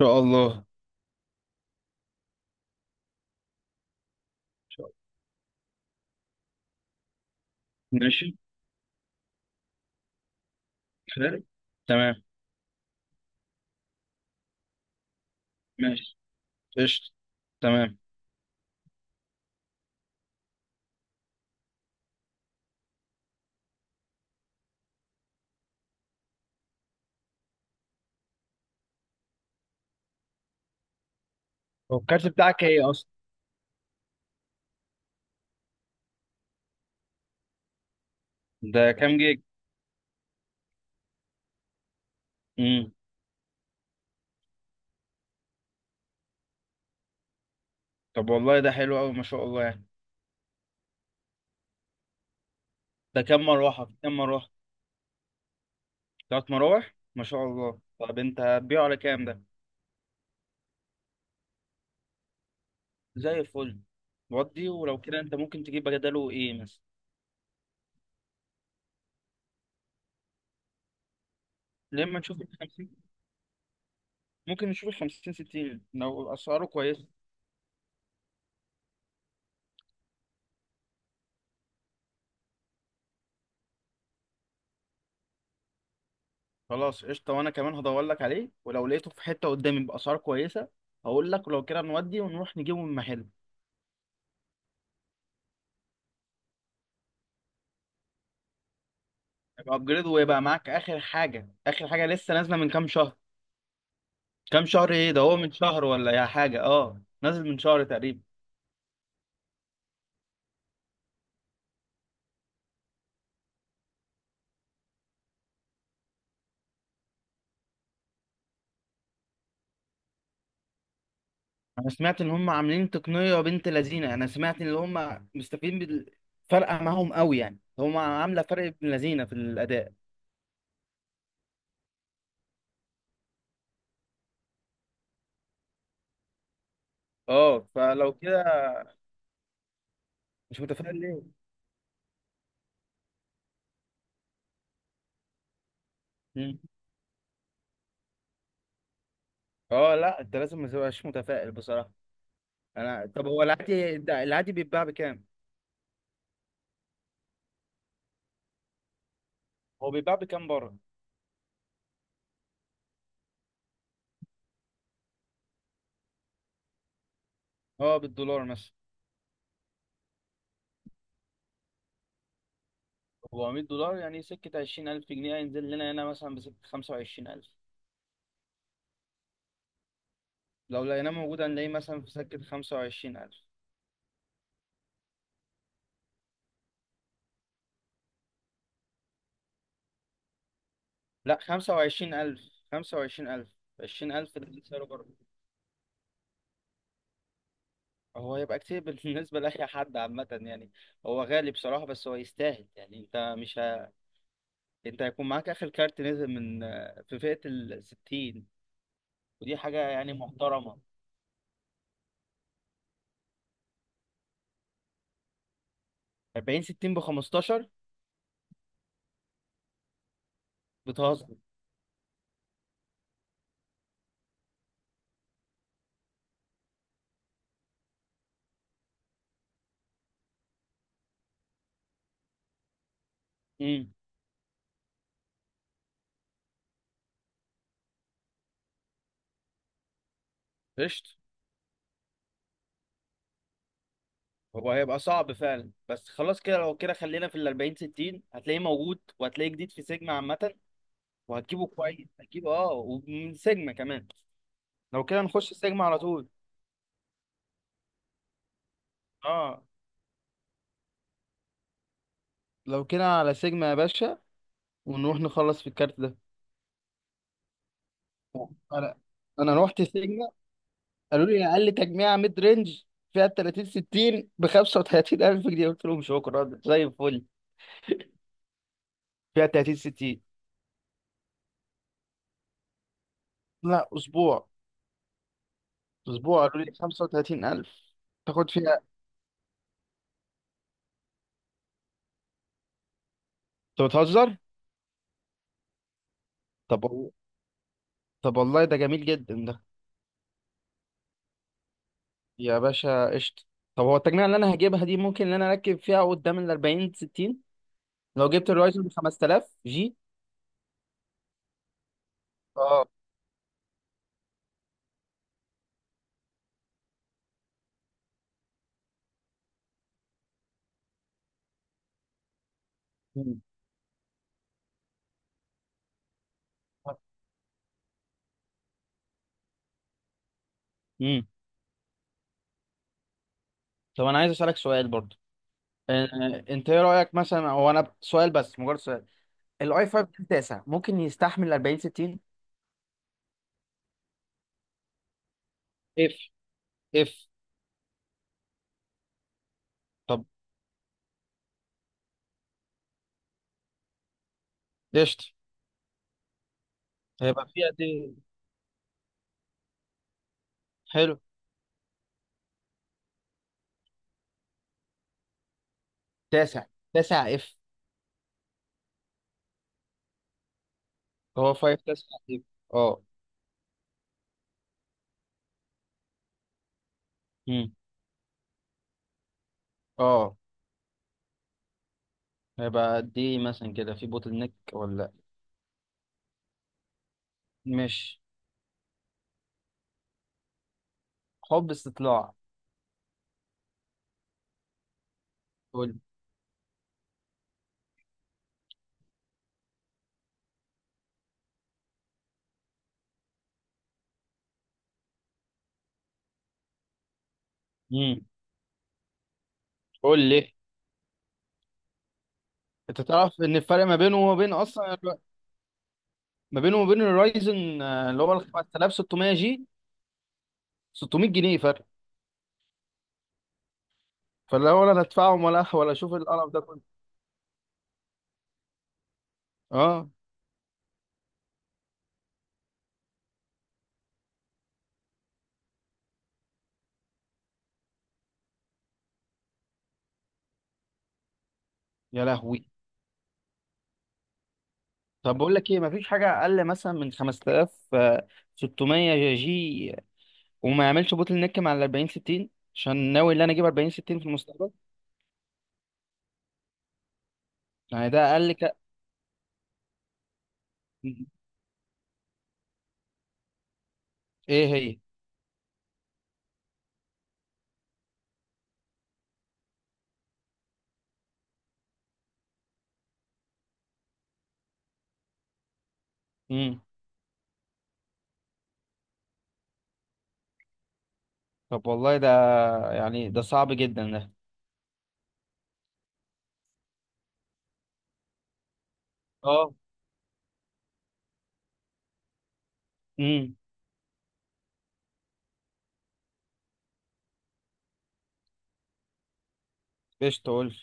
شاء الله إن شاء الله. ماشي. حلو. تمام. ماشي. قشطة. تمام. هو الكارت بتاعك ايه اصلا؟ ده كام جيج؟ امم. طب والله ده حلو قوي ما شاء الله يعني. ده كام مروحة كام مروحة؟ تلات مراوح ما شاء الله. طب انت هتبيعه على كام ده؟ زي الفل. ودي ولو كده انت ممكن تجيب بداله ايه مثلا؟ لما نشوف ال 50 ممكن نشوف ال 50 60 لو اسعاره كويسة. خلاص قشطة، وأنا كمان هدور لك عليه ولو لقيته في حتة قدامي بأسعار كويسة هقول لك، ولو كده نودي ونروح نجيبه من محل. يبقى أبجريد ويبقى معاك آخر حاجة، آخر حاجة لسه نازلة من كام شهر. كام شهر إيه ده؟ هو من شهر ولا يا حاجة؟ أه نازل من شهر تقريبا. أنا سمعت إن هم عاملين تقنية بنت لذينة، أنا سمعت إن هم مستفيدين بال- فارقة معاهم قوي، يعني هم عاملة فرق ابن لذينة في الأداء. أه فلو كده مش متفائل ليه؟ مم. أه لا أنت لازم ما تبقاش متفائل بصراحة. انا طب هو العادي ده العادي بيتباع بكام؟ هو بيتباع بكام بره؟ اه بالدولار مثلا. $400 يعني سكة 20,000 جنيه، هينزل لنا هنا مثلا بسكة 25,000. لو لقيناه موجود هنلاقيه مثلا في سكة خمسة وعشرين ألف. لا خمسة وعشرين ألف. خمسة وعشرين ألف. عشرين ألف ده اللي سعره بره. هو هيبقى كتير بالنسبة لأي حد عامة يعني. هو غالي بصراحة بس هو يستاهل، يعني أنت مش ه... أنت هيكون معاك آخر كارت نزل من في فئة الستين. ودي حاجة يعني محترمة. أربعين ستين بخمستاشر؟ بتهزر. امم. قشطة. هو هيبقى صعب فعلا، بس خلاص كده لو كده خلينا في ال 40 60، هتلاقيه موجود وهتلاقيه جديد في سيجما عامة. وهتجيبه كويس، هتجيبه اه، ومن سيجما كمان. لو كده نخش سيجما على طول. اه. لو كده على سيجما يا باشا ونروح نخلص في الكارت ده. انا انا رحت سيجما، قالوا لي اقل تجميعة ميد رينج فيها 30 60 ب 35,000 جنيه، قلت لهم شكرا زي الفل. فيها 30 60. لا اسبوع. اسبوع قالوا لي 35,000 تاخد فيها. انت بتهزر. طب وال- طب والله ده جميل جدا ده. يا باشا قشطه. طب هو التجميع اللي انا هجيبها دي ممكن ان انا اركب فيها قدام ال 40 60 لو جبت الرايزن ب 5000 جي؟ اه. مم. مم. طب انا عايز اسالك سؤال برضو. آه، انت ايه رايك مثلا، هو انا سؤال بس مجرد سؤال، الاي 5 تاسع ممكن يستحمل 40 60؟ اف. اف. طب قشطه هيبقى فيها دي. حلو. تاسع. تاسع اف. هو 5 تسعة تقريبا. اه. امم. اه. هيبقى قد ايه مثلا كده في بوتل نيك ولا لأ؟ مش، حب استطلاع. قول. امم. قول لي. انت تعرف ان الفرق ما بينه وما بين اصلا الر- ما بينه وما بين الرايزن آه، اللي هو ال 5600 جي، 600 جنيه فرق. فلا ولا انا ادفعهم ولا ولا اشوف القرف ده كله. اه. يا لهوي. طب بقول لك ايه، مفيش حاجه اقل مثلا من 5600 جي وما يعملش بوتل نيك مع ال 40 60، عشان ناوي ان انا اجيب 40 60 في المستقبل. يعني ده اقل ك... ايه هي؟ امم. طب والله ده، يعني ده صعب جدا ده. اه. امم. ايش تقول؟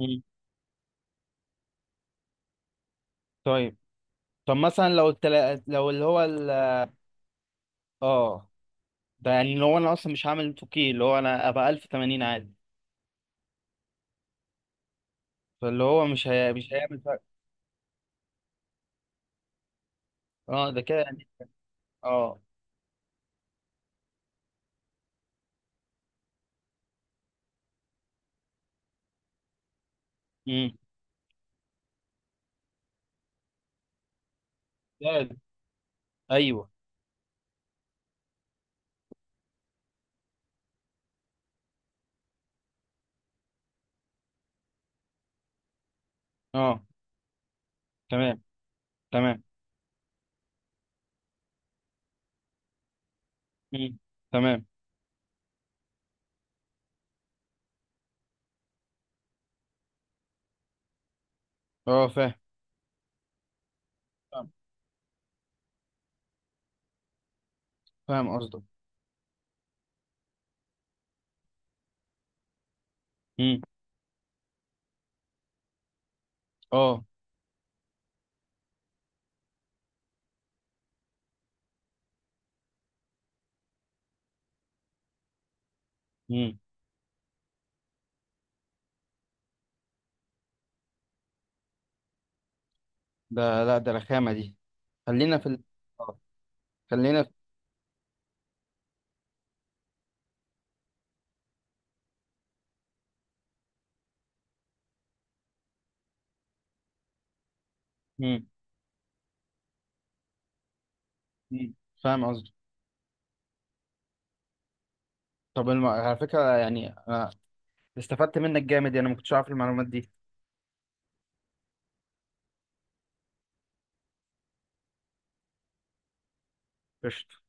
امم. طيب. طب مثلا لو التلا... لو اللي هو ال... اه. ده يعني لو انا اصلا مش هعمل 2K، اللي هو انا ابقى 1080 عادي، فاللي هو مش هي... مش هيعمل فرق. اه ده كده يعني. اه. امم. ده- ايوه. اه. تمام. تمام. امم. تمام. اه. فاهم. فاهم. فاهم قصدك. امم. اه. امم. ده، لا ده رخامه دي. خلينا في ال... آه. خلينا في... مم. مم. فاهم قصدي. على فكرة يعني، أنا استفدت منك جامد يعني، ما كنتش عارف المعلومات دي. قشطة.